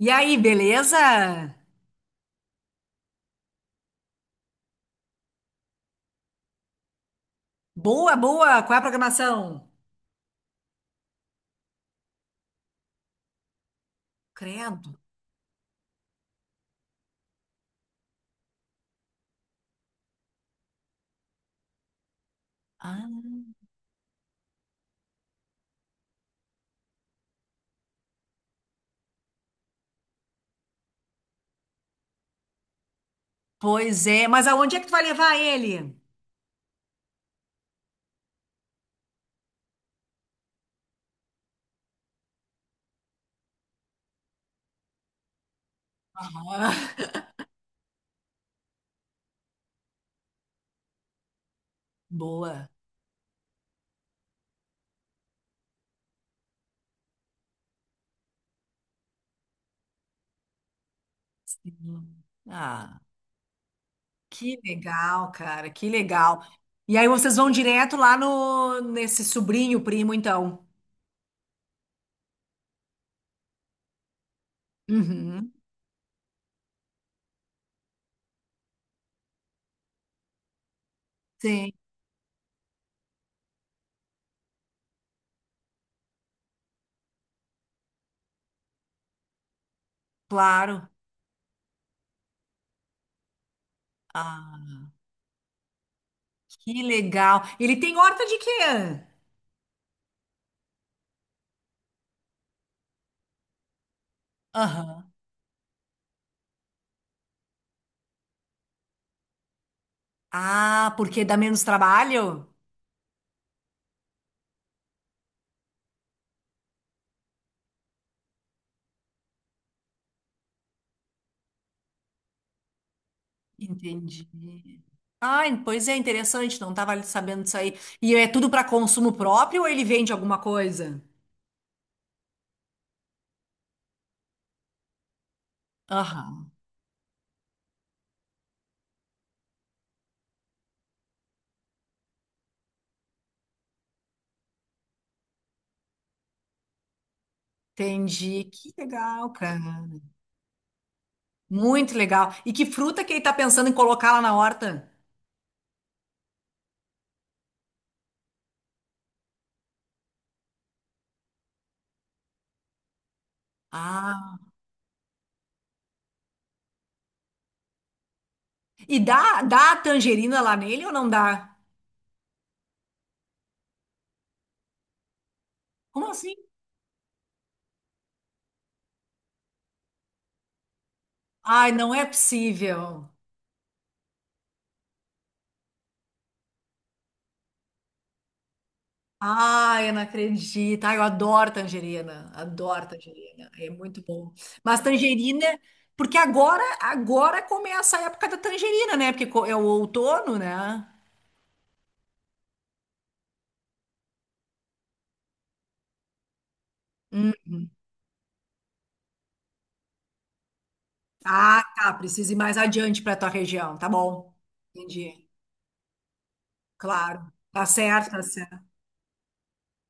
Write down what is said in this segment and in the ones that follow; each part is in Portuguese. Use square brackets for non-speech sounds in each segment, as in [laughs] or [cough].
E aí, beleza? Boa, boa. Qual é a programação? Credo. Ah, pois é. Mas aonde é que tu vai levar ele? Ah, [laughs] boa. Sim. Ah, que legal, cara. Que legal. E aí vocês vão direto lá no nesse sobrinho primo, então. Uhum. Sim, claro. Ah, que legal. Ele tem horta de quê? Aham. Ah, porque dá menos trabalho? Entendi. Ah, pois é, interessante, não estava sabendo disso aí. E é tudo para consumo próprio ou ele vende alguma coisa? Aham, entendi. Que legal, cara. Muito legal. E que fruta que ele tá pensando em colocar lá na horta? Ah, e dá a tangerina lá nele ou não dá? Como assim? Ai, não é possível. Ai, eu não acredito. Ai, eu adoro tangerina. Adoro tangerina. É muito bom. Mas tangerina, porque agora começa a época da tangerina, né? Porque é o outono, né? Hum. Ah, tá. Precisa ir mais adiante para tua região. Tá bom. Entendi. Claro. Tá certo, tá certo.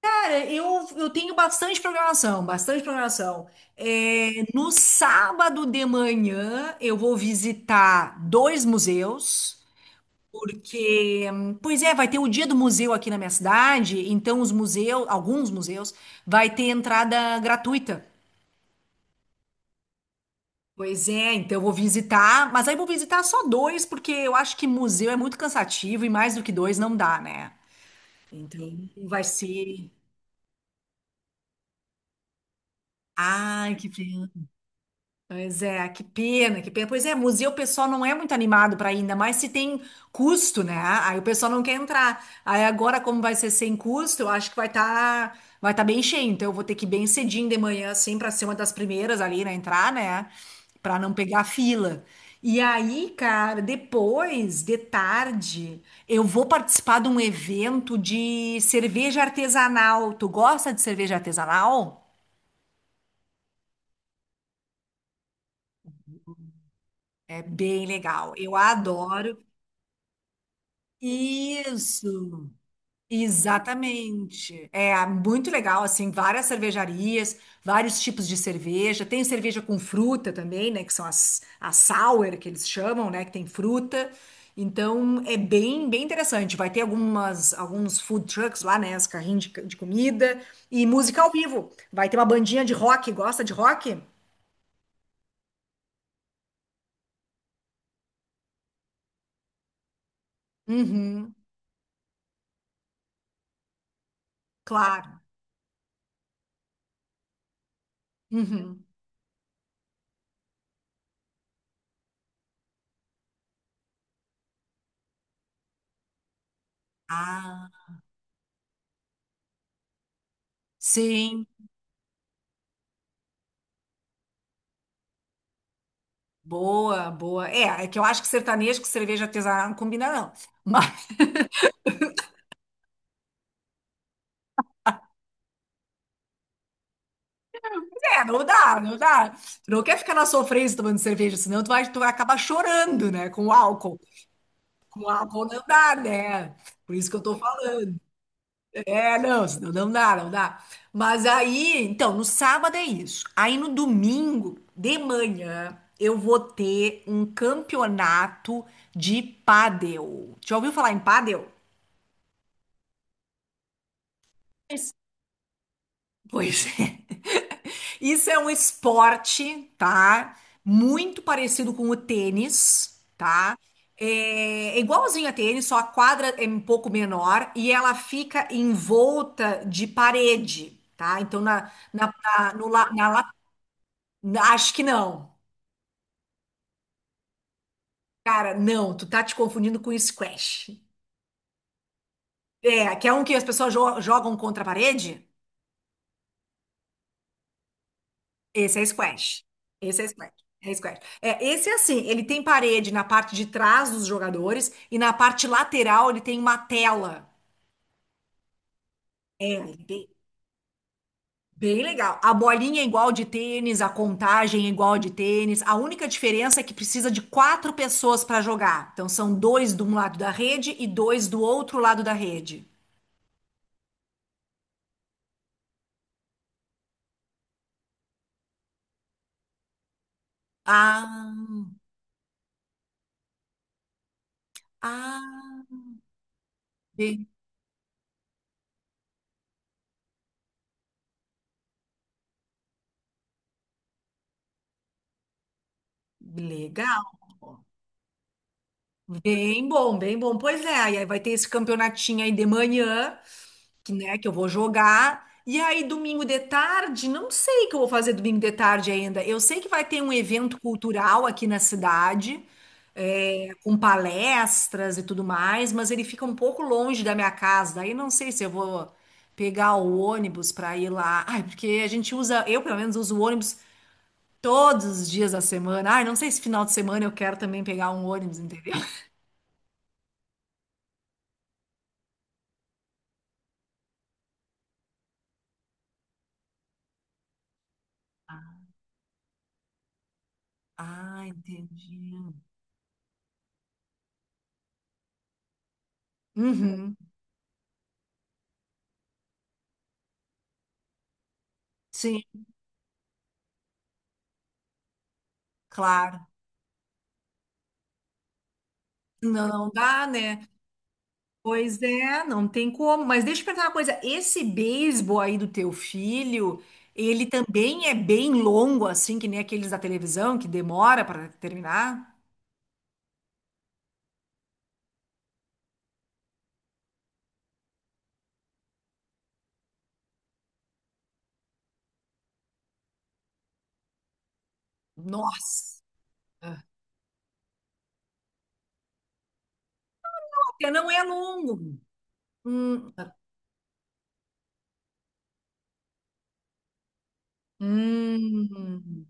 Cara, eu tenho bastante programação, bastante programação. É, no sábado de manhã, eu vou visitar dois museus. Porque, pois é, vai ter o dia do museu aqui na minha cidade, então os museus, alguns museus, vai ter entrada gratuita. Pois é, então eu vou visitar, mas aí vou visitar só dois, porque eu acho que museu é muito cansativo e mais do que dois não dá, né? Então vai ser. Ai, que pena. Pois é, que pena, que pena. Pois é, museu o pessoal não é muito animado para ir, ainda mais se tem custo, né? Aí o pessoal não quer entrar. Aí agora, como vai ser sem custo, eu acho que vai tá bem cheio. Então eu vou ter que ir bem cedinho de manhã, assim, para ser uma das primeiras ali, né? Entrar, né? Para não pegar fila. E aí, cara, depois, de tarde, eu vou participar de um evento de cerveja artesanal. Tu gosta de cerveja artesanal? É bem legal. Eu adoro. Isso, exatamente. É muito legal, assim, várias cervejarias, vários tipos de cerveja. Tem cerveja com fruta também, né? Que são as sour, que eles chamam, né? Que tem fruta. Então, é bem, bem interessante. Vai ter algumas, alguns food trucks lá, né? Os carrinhos de comida. E música ao vivo. Vai ter uma bandinha de rock. Gosta de rock? Uhum, claro. Uhum. Ah, sim. Boa, boa. É, é que eu acho que sertanejo com cerveja artesanal não combina, não. Mas [laughs] é, não dá, não dá. Tu não quer ficar na sofrência tomando cerveja, senão tu vai acabar chorando, né? Com o álcool. Com o álcool não dá, né? Por isso que eu tô falando. É, não, senão não dá, não dá. Mas aí, então, no sábado é isso. Aí no domingo, de manhã, eu vou ter um campeonato de pádel. Já ouviu falar em pádel? Pois é. [laughs] Isso é um esporte, tá? Muito parecido com o tênis, tá? É é igualzinho a tênis, só a quadra é um pouco menor e ela fica envolta de parede, tá? Então, na, na, na, no, la- na, la- na- acho que não. Cara, não, tu tá te confundindo com squash. É, que é um que as pessoas jogam contra a parede? Esse é squash. Esse é squash. É squash. É, esse é assim, ele tem parede na parte de trás dos jogadores e na parte lateral ele tem uma tela. É, bem, bem legal. A bolinha é igual de tênis, a contagem é igual de tênis. A única diferença é que precisa de quatro pessoas para jogar. Então são dois de um lado da rede e dois do outro lado da rede. Ah, ah, bem legal. Bem bom, bem bom. Pois é, e aí vai ter esse campeonatinho aí de manhã. Que, né, que eu vou jogar. E aí, domingo de tarde, não sei o que eu vou fazer domingo de tarde ainda. Eu sei que vai ter um evento cultural aqui na cidade, é, com palestras e tudo mais, mas ele fica um pouco longe da minha casa. Daí não sei se eu vou pegar o ônibus para ir lá. Ai, porque a gente usa, eu pelo menos uso o ônibus todos os dias da semana. Ai, não sei se final de semana eu quero também pegar um ônibus, entendeu? Ah, entendi. Uhum, sim, claro. Não, não dá, né? Pois é, não tem como. Mas deixa eu perguntar uma coisa: esse beisebol aí do teu filho, ele também é bem longo, assim, que nem aqueles da televisão, que demora para terminar? Nossa! Ah. Porque não é longo. Hum, hum,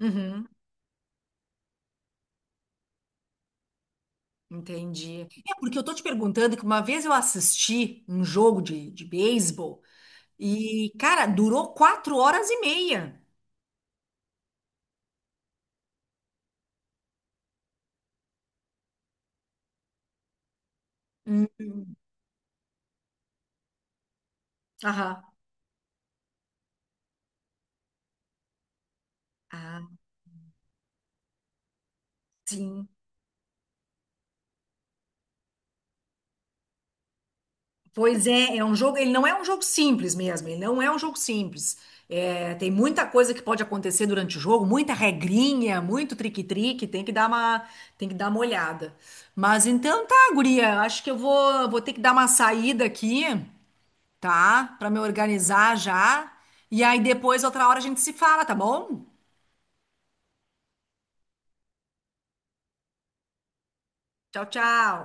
uhum, entendi. É porque eu tô te perguntando que uma vez eu assisti um jogo de beisebol e, cara, durou 4 horas e meia. Hum, aham. Ah, sim. Pois é, é um jogo, ele não é um jogo simples mesmo, ele não é um jogo simples. É, tem muita coisa que pode acontecer durante o jogo, muita regrinha, muito trique-trique, tem que dar uma, tem que dar uma olhada. Mas então tá, guria, acho que eu vou ter que dar uma saída aqui, tá? Pra me organizar já. E aí depois, outra hora, a gente se fala, tá bom? Tchau, tchau.